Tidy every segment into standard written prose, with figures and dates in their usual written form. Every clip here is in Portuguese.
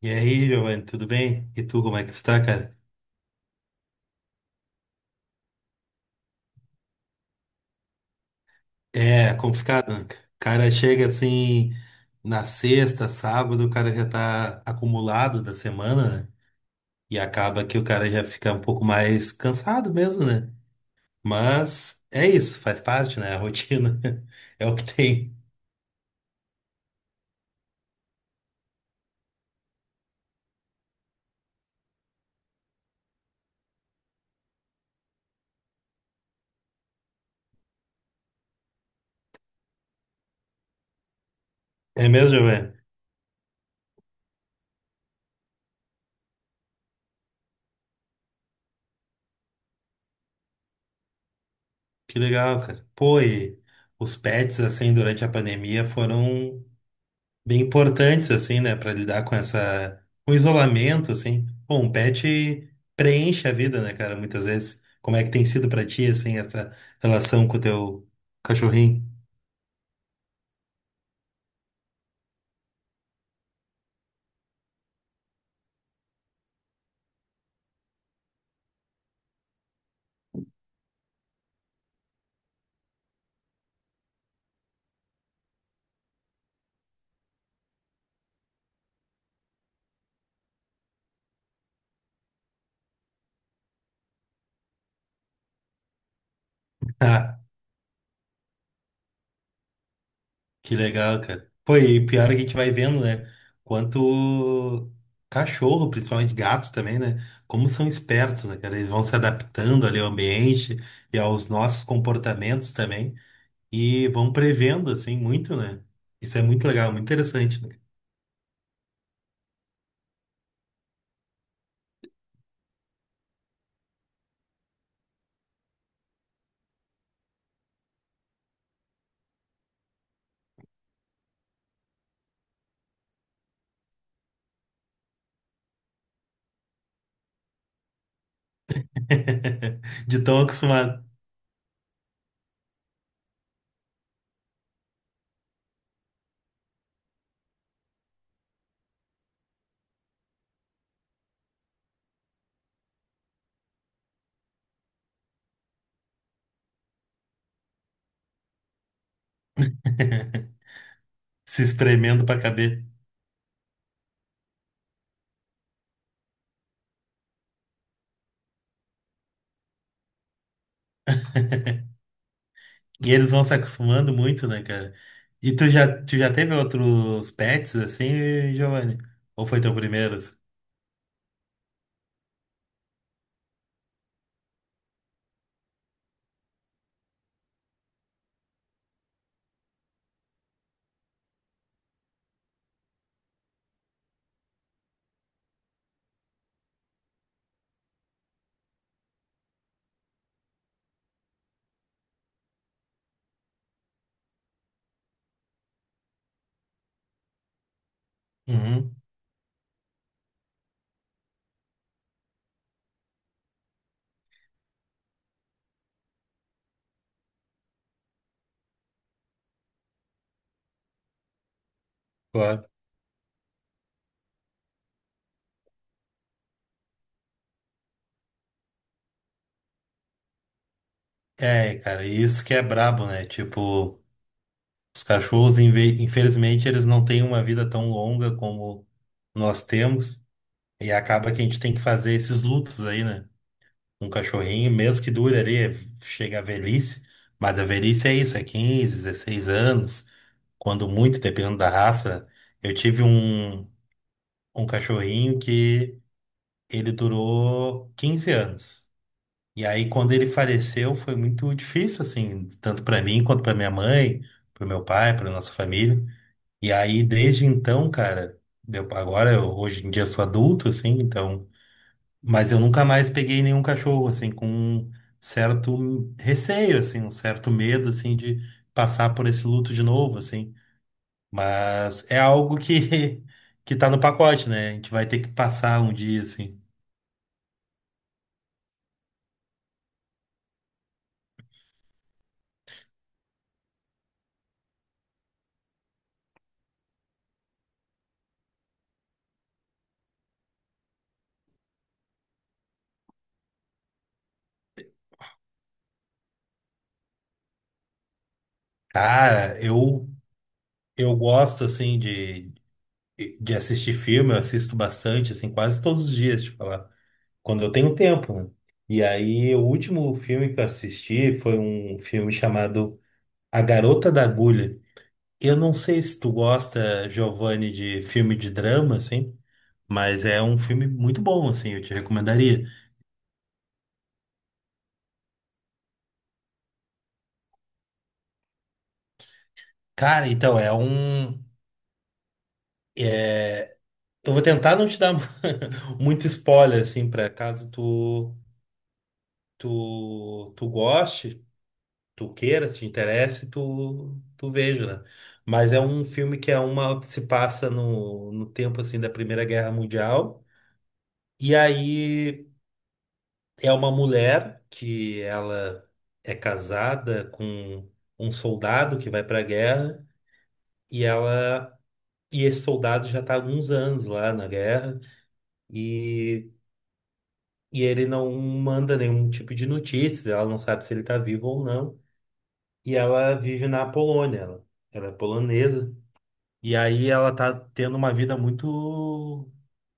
E aí, Giovanni, tudo bem? E tu, como é que tu tá, cara? É complicado, né? O cara chega assim na sexta, sábado, o cara já tá acumulado da semana, né? E acaba que o cara já fica um pouco mais cansado mesmo, né? Mas é isso, faz parte, né? A rotina é o que tem. É mesmo, Giovanni? Que legal, cara. Pô, e os pets, assim, durante a pandemia foram bem importantes, assim, né, para lidar com essa, com o isolamento, assim. Pô, um pet preenche a vida, né, cara, muitas vezes. Como é que tem sido pra ti, assim, essa relação com o teu cachorrinho? Ah, que legal, cara. Pô, e pior é que a gente vai vendo, né, quanto cachorro, principalmente gatos também, né, como são espertos, né, cara, eles vão se adaptando ali ao ambiente e aos nossos comportamentos também e vão prevendo, assim, muito, né. Isso é muito legal, muito interessante, né? De tão acostumado, se espremendo pra caber. E eles vão se acostumando muito, né, cara? E tu já teve outros pets assim, Giovanni? Ou foi teu primeiro assim? Uhum, claro. É, cara, e isso que é brabo, né? Tipo, os cachorros, infelizmente, eles não têm uma vida tão longa como nós temos. E acaba que a gente tem que fazer esses lutos aí, né? Um cachorrinho, mesmo que dure ali, chega a velhice, mas a velhice é isso, é 15 16 anos, quando muito, dependendo da raça. Eu tive um, um cachorrinho que ele durou 15 anos. E aí, quando ele faleceu, foi muito difícil, assim, tanto para mim quanto para minha mãe, para meu pai, para nossa família. E aí, desde então, cara, hoje em dia, eu sou adulto, assim, então. Mas eu nunca mais peguei nenhum cachorro, assim, com um certo receio, assim, um certo medo, assim, de passar por esse luto de novo, assim. Mas é algo que, que tá no pacote, né? A gente vai ter que passar um dia, assim. Cara, eu, eu gosto, assim, de assistir filme, eu assisto bastante, assim, quase todos os dias, tipo, lá, quando eu tenho tempo, né? E aí, o último filme que eu assisti foi um filme chamado A Garota da Agulha. Eu não sei se tu gosta, Giovanni, de filme de drama, assim, mas é um filme muito bom, assim, eu te recomendaria. Cara, então, é- eu vou tentar não te dar muito spoiler, assim, pra caso tu goste, tu queira, se te interesse, tu veja, né? Mas é um filme que é uma. Que se passa no tempo, assim, da Primeira Guerra Mundial. E aí. É uma mulher que ela é casada com um soldado que vai para a guerra e ela e esse soldado já está há alguns anos lá na guerra e, e ele não manda nenhum tipo de notícias, ela não sabe se ele está vivo ou não. E ela vive na Polônia, ela é polonesa e aí ela está tendo uma vida muito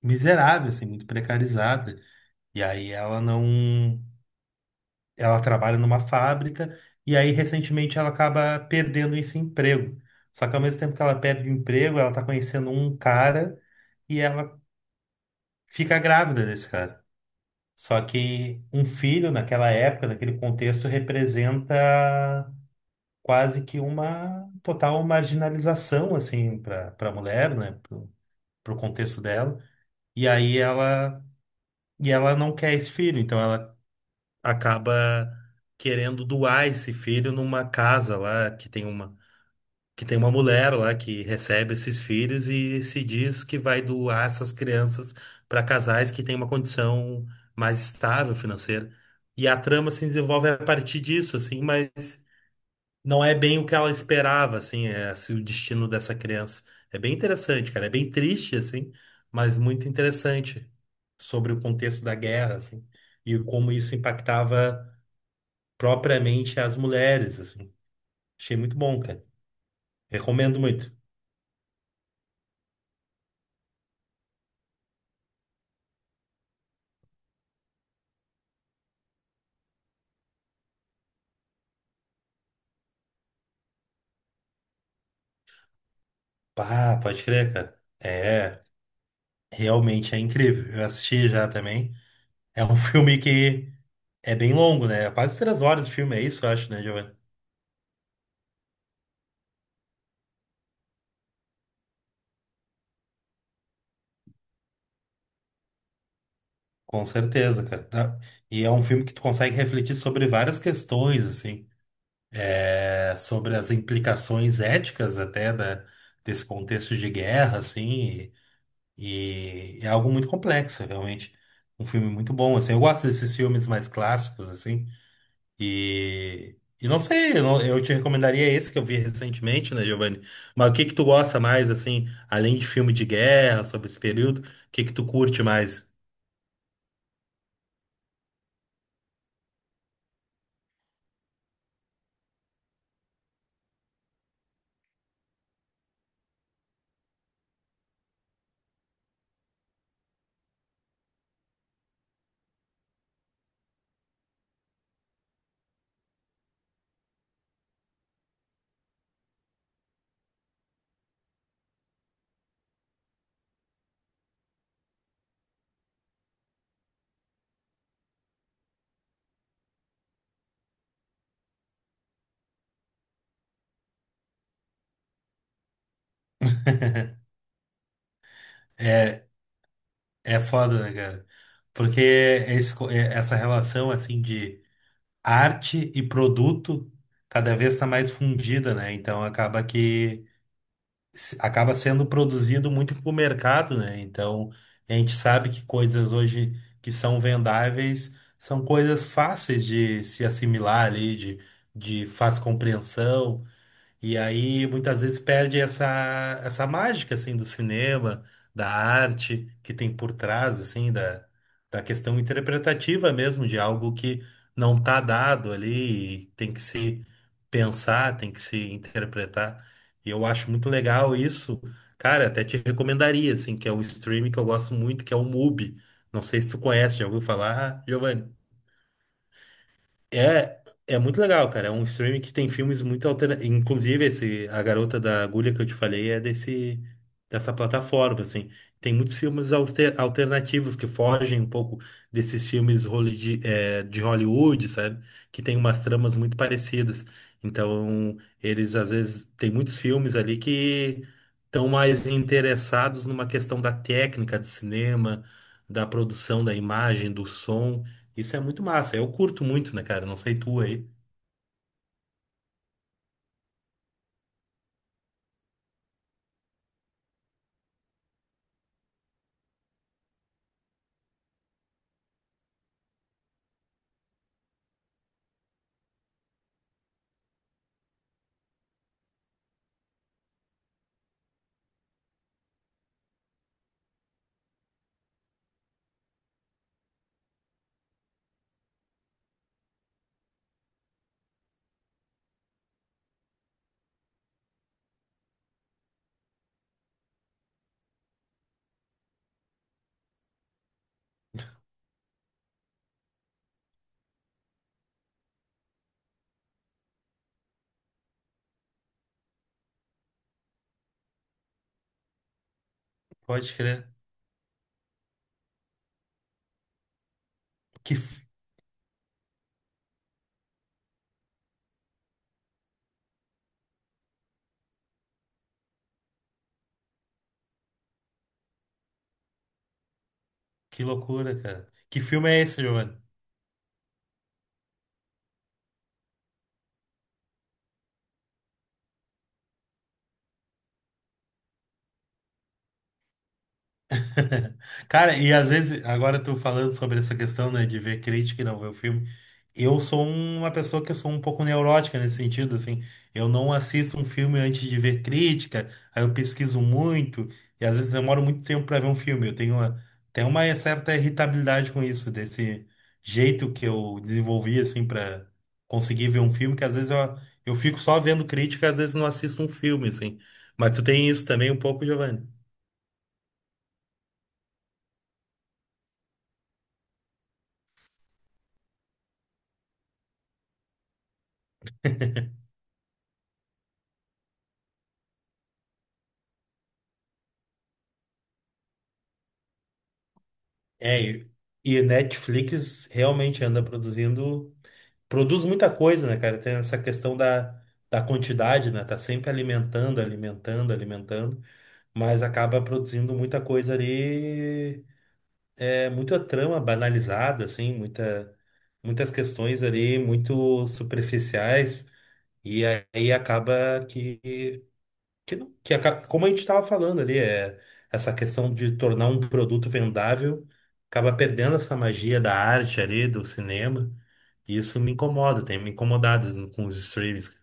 miserável, assim, muito precarizada. E aí ela não ela trabalha numa fábrica e aí recentemente ela acaba perdendo esse emprego. Só que ao mesmo tempo que ela perde o emprego, ela tá conhecendo um cara e ela fica grávida desse cara. Só que um filho naquela época, naquele contexto, representa quase que uma total marginalização assim para a mulher, né, pro contexto dela. E aí ela e ela não quer esse filho, então ela acaba querendo doar esse filho numa casa lá que tem uma mulher lá que recebe esses filhos e se diz que vai doar essas crianças para casais que têm uma condição mais estável financeira. E a trama se desenvolve a partir disso, assim, mas não é bem o que ela esperava, assim, é, assim, o destino dessa criança. É bem interessante, cara. É bem triste, assim, mas muito interessante sobre o contexto da guerra, assim, e como isso impactava propriamente às mulheres, assim. Achei muito bom, cara. Recomendo muito. Pá, pode crer, cara. É, realmente é incrível. Eu assisti já também. É um filme que é bem longo, né? É quase 3 horas de filme, é isso, eu acho, né, Giovanni? Com certeza, cara. Tá? E é um filme que tu consegue refletir sobre várias questões, assim, é, sobre as implicações éticas até desse contexto de guerra, assim. E é algo muito complexo, realmente. Um filme muito bom, assim. Eu gosto desses filmes mais clássicos, assim. E, e não sei, eu, não- eu te recomendaria esse que eu vi recentemente, né, Giovanni? Mas o que que tu gosta mais, assim, além de filme de guerra, sobre esse período, o que que tu curte mais? É, é foda, né, cara? Porque essa relação, assim, de arte e produto cada vez está mais fundida, né? Então acaba que acaba sendo produzido muito para o mercado, né? Então, a gente sabe que coisas hoje que são vendáveis são coisas fáceis de se assimilar ali, de fácil compreensão. E aí muitas vezes perde essa, essa mágica assim do cinema, da arte que tem por trás assim da questão interpretativa mesmo de algo que não está dado ali e tem que se pensar, tem que se interpretar. E eu acho muito legal isso. Cara, até te recomendaria assim, que é um streaming que eu gosto muito, que é o Mubi. Não sei se tu conhece, já ouviu falar, Giovanni? É, é muito legal, cara. É um streaming que tem filmes muito alternativos. Inclusive, esse, A Garota da Agulha que eu te falei é dessa plataforma, assim. Tem muitos filmes alternativos que fogem um pouco desses filmes de Hollywood, sabe? Que tem umas tramas muito parecidas. Então, eles às vezes tem muitos filmes ali que estão mais interessados numa questão da técnica do cinema, da produção da imagem, do som. Isso é muito massa. Eu curto muito, né, cara? Não sei tu aí. Pode crer. Que, f- que loucura, cara. Que filme é esse, Giovanni? Cara, e às vezes, agora tu falando sobre essa questão, né, de ver crítica e não ver o filme, eu sou uma pessoa que eu sou um pouco neurótica nesse sentido, assim, eu não assisto um filme antes de ver crítica, aí eu pesquiso muito, e às vezes demoro muito tempo pra ver um filme, tenho uma certa irritabilidade com isso, desse jeito que eu desenvolvi, assim, pra conseguir ver um filme, que às vezes eu fico só vendo crítica, às vezes não assisto um filme, assim, mas tu tem isso também um pouco, Giovanni? É, e Netflix realmente anda produzindo, produz muita coisa, né, cara? Tem essa questão da quantidade, né? Tá sempre alimentando, alimentando, alimentando, mas acaba produzindo muita coisa ali, é, muita trama banalizada, assim, muita, muitas questões ali muito superficiais, e aí acaba que, não- que aca- como a gente estava falando ali, é, essa questão de tornar um produto vendável acaba perdendo essa magia da arte ali, do cinema. E isso me incomoda, tem me incomodado com os streams.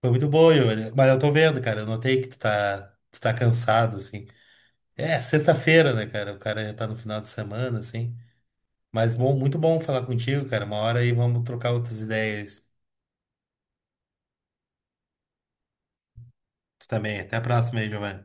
Foi muito bom, Yuri, mas eu tô vendo, cara, eu notei que tu tá cansado, assim. É, sexta-feira, né, cara? O cara já tá no final de semana, assim. Mas bom, muito bom falar contigo, cara. Uma hora aí vamos trocar outras ideias. Tu também. Até a próxima aí, Giovanni.